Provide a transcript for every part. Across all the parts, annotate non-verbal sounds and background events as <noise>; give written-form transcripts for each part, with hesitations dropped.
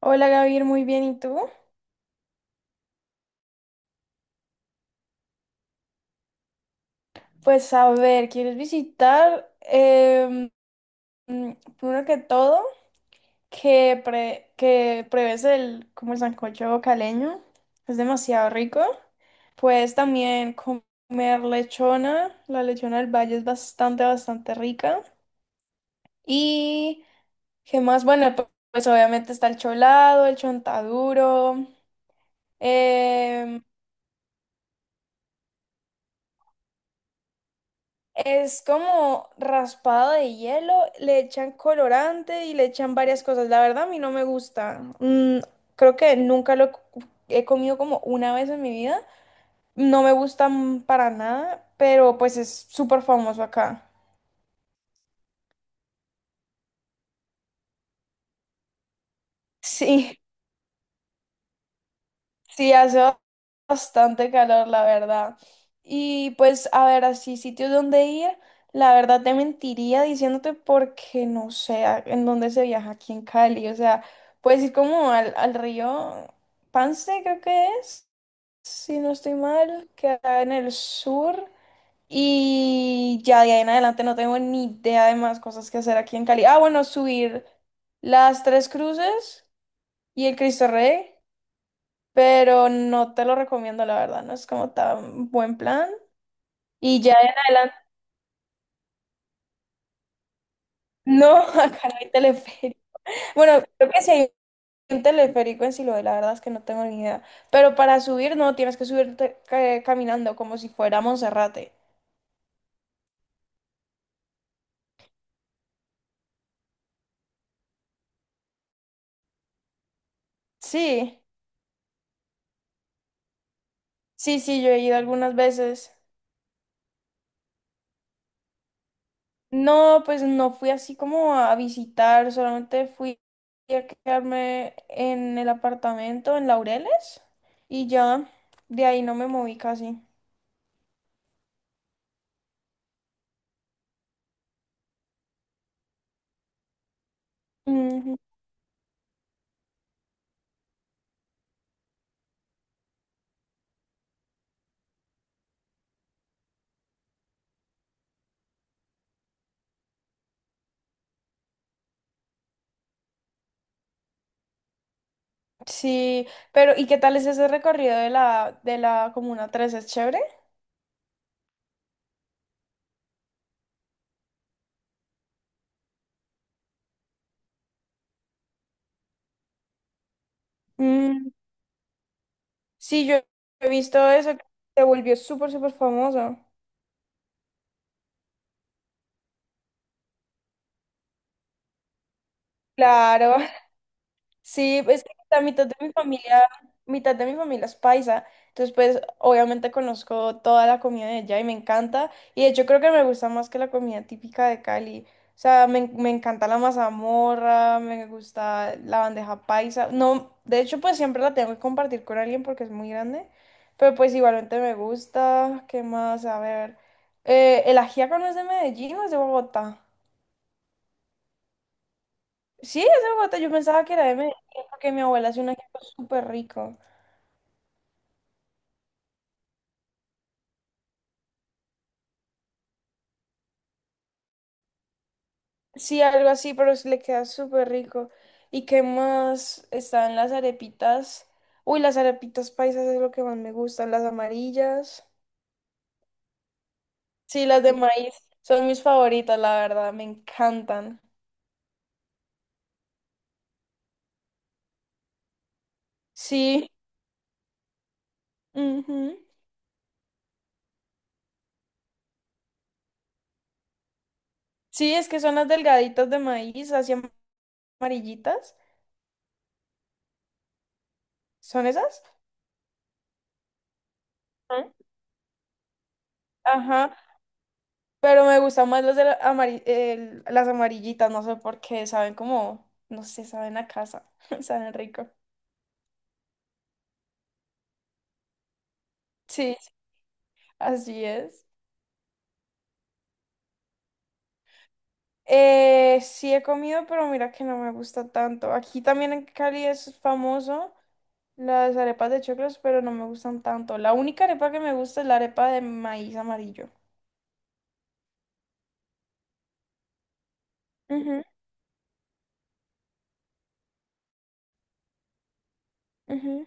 Hola Gabriel, muy bien, ¿y tú? Pues a ver, ¿quieres visitar? Mm, Primero que todo, que, que pruebes como el sancocho caleño, es demasiado rico. Puedes también comer lechona, la lechona del valle es bastante, bastante rica. Y, ¿qué más? Bueno, pues, obviamente está el cholado, el chontaduro, em, es como raspado de hielo, le echan colorante y le echan varias cosas. La verdad, a mí no me gusta. Creo que nunca he comido como una vez en mi vida. No me gusta para nada, pero pues es súper famoso acá. Sí. Sí, hace bastante calor, la verdad. Y pues, a ver, así sitios donde ir, la verdad te mentiría diciéndote porque no sé en dónde se viaja aquí en Cali. O sea, puedes ir como al río Pance, creo que es, si no estoy mal, que está en el sur. Y ya de ahí en adelante no tengo ni idea de más cosas que hacer aquí en Cali. Ah, bueno, subir las Tres Cruces y el Cristo Rey, pero no te lo recomiendo, la verdad, no es como tan buen plan. Y ya en adelante, no, <laughs> acá no hay teleférico. Bueno, creo que sí hay un teleférico en Siloé, la verdad es que no tengo ni idea. Pero para subir, no, tienes que subirte caminando como si fuera Monserrate. Sí, sí, sí, yo he ido algunas veces. No, pues no fui así como a visitar, solamente fui a quedarme en el apartamento en Laureles y ya de ahí no me moví casi. Ujú. Sí, pero ¿y qué tal es ese recorrido de la Comuna 3? ¿Es chévere? Mm, sí, yo he visto eso, que se volvió súper, súper famoso. Claro. Sí, es que la mitad de mi familia, mitad de mi familia es paisa, entonces pues obviamente conozco toda la comida de allá y me encanta, y de hecho creo que me gusta más que la comida típica de Cali. O sea, me encanta la mazamorra, me gusta la bandeja paisa, no, de hecho pues siempre la tengo que compartir con alguien porque es muy grande, pero pues igualmente me gusta. ¿Qué más? A ver, ¿el ajiaco no es de Medellín o es de Bogotá? Sí, es de Bogotá, yo pensaba que era de Medellín porque mi abuela hace un ajiaco súper rico. Sí, algo así, pero le queda súper rico. ¿Y qué más? Están las arepitas. Uy, las arepitas paisas es lo que más me gustan, las amarillas. Sí, las de maíz son mis favoritas, la verdad, me encantan. Sí, ujú. Sí, es que son las delgaditas de maíz, así amarillitas. ¿Son esas? Ujú. Ajá, pero me gustan más las de las amarillitas, no sé por qué, saben como, no sé, saben a casa, <laughs> saben rico. Sí. Así es. Sí he comido, pero mira que no me gusta tanto. Aquí también en Cali es famoso las arepas de choclos, pero no me gustan tanto. La única arepa que me gusta es la arepa de maíz amarillo. Ujú, ujú.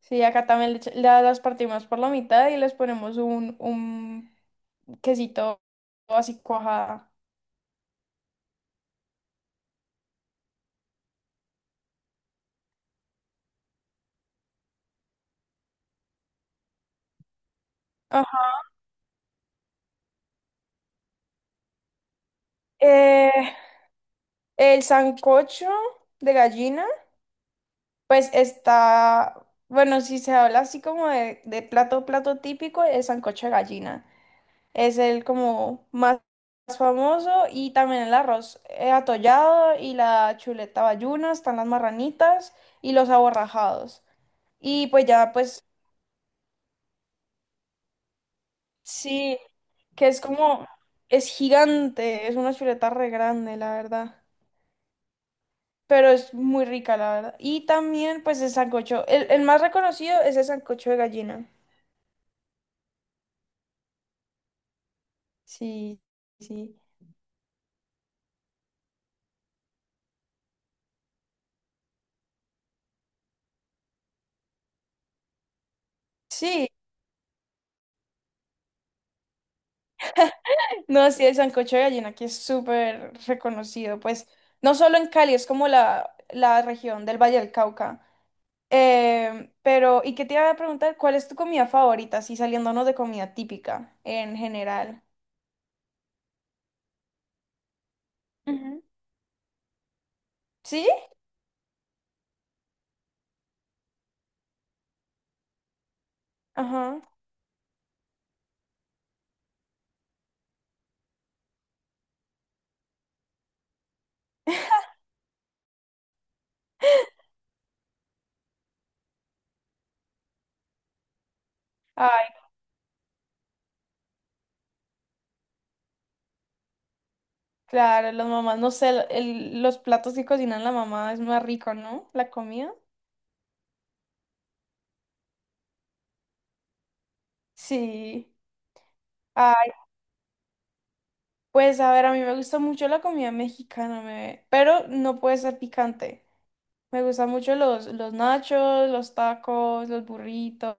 Sí, acá también las partimos por la mitad y les ponemos un quesito así cuajada. Ajá. Eh, el sancocho de gallina. Pues está, bueno, si se habla así como de plato, plato típico, el sancocho de gallina. Es el como más famoso y también el arroz atollado y la chuleta bayuna, están las marranitas y los aborrajados. Y pues ya, pues sí, que es como, es gigante, es una chuleta re grande, la verdad. Pero es muy rica, la verdad. Y también, pues, el sancocho. El más reconocido es el sancocho de gallina. Sí, sí. Sí, no, sí, el sancocho de gallina que es súper reconocido, pues no solo en Cali, es como la región del Valle del Cauca. Pero, ¿y qué te iba a preguntar? ¿Cuál es tu comida favorita? Así saliéndonos de comida típica en general. Ujú. ¿Sí? Ajá. Ay, claro, las mamás, no sé, los platos que cocinan la mamá es más rico, ¿no? La comida. Sí. Pues a ver, a mí me gusta mucho la comida mexicana, pero no puede ser picante. Me gustan mucho los nachos, los tacos, los burritos,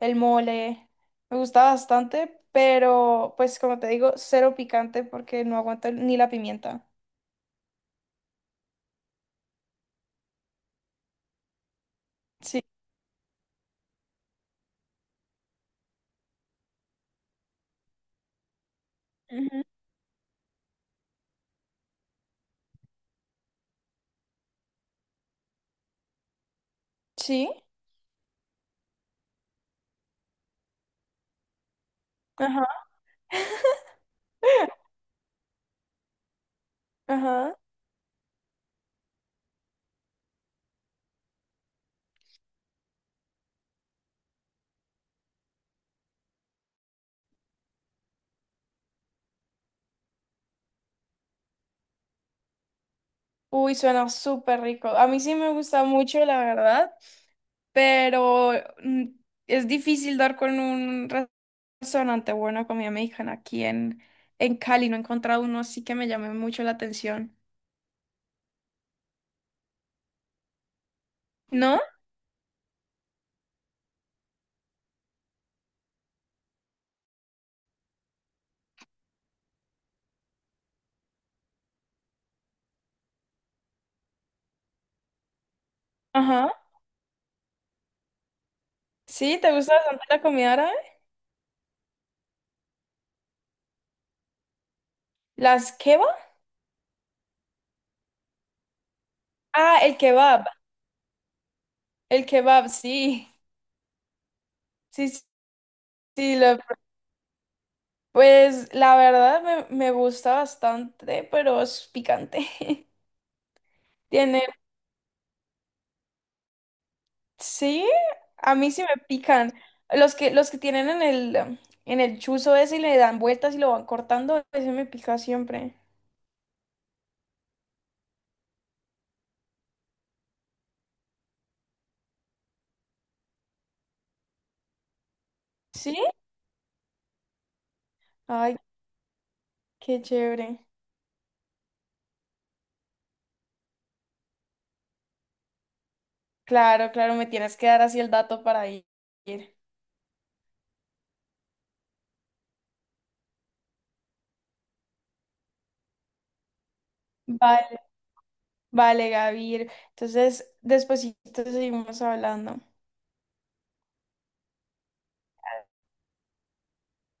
el mole. Me gusta bastante, pero pues como te digo, cero picante porque no aguanto ni la pimienta. Sí. Ujú. Sí. Ajá. <laughs> Ajá. Uy, suena súper rico. A mí sí me gusta mucho, la verdad, pero mm, es difícil dar con un restaurante bueno de comida mexicana aquí en Cali. No he encontrado uno así que me llame mucho la atención. ¿No? Ajá. Sí, ¿te gusta bastante la comida árabe? ¿Las kebab? Ah, el kebab. El kebab, sí. Sí, sí, sí, lo pues la verdad me gusta bastante, pero es picante. <laughs> Tiene, sí, a mí sí me pican. Los que tienen en en el chuzo ese y le dan vueltas y lo van cortando, ese me pica siempre. ¿Sí? Ay, qué chévere. Claro, claro, me tienes que dar así el dato para ir. Vale, vale, Gavir. Entonces, despuesito seguimos hablando.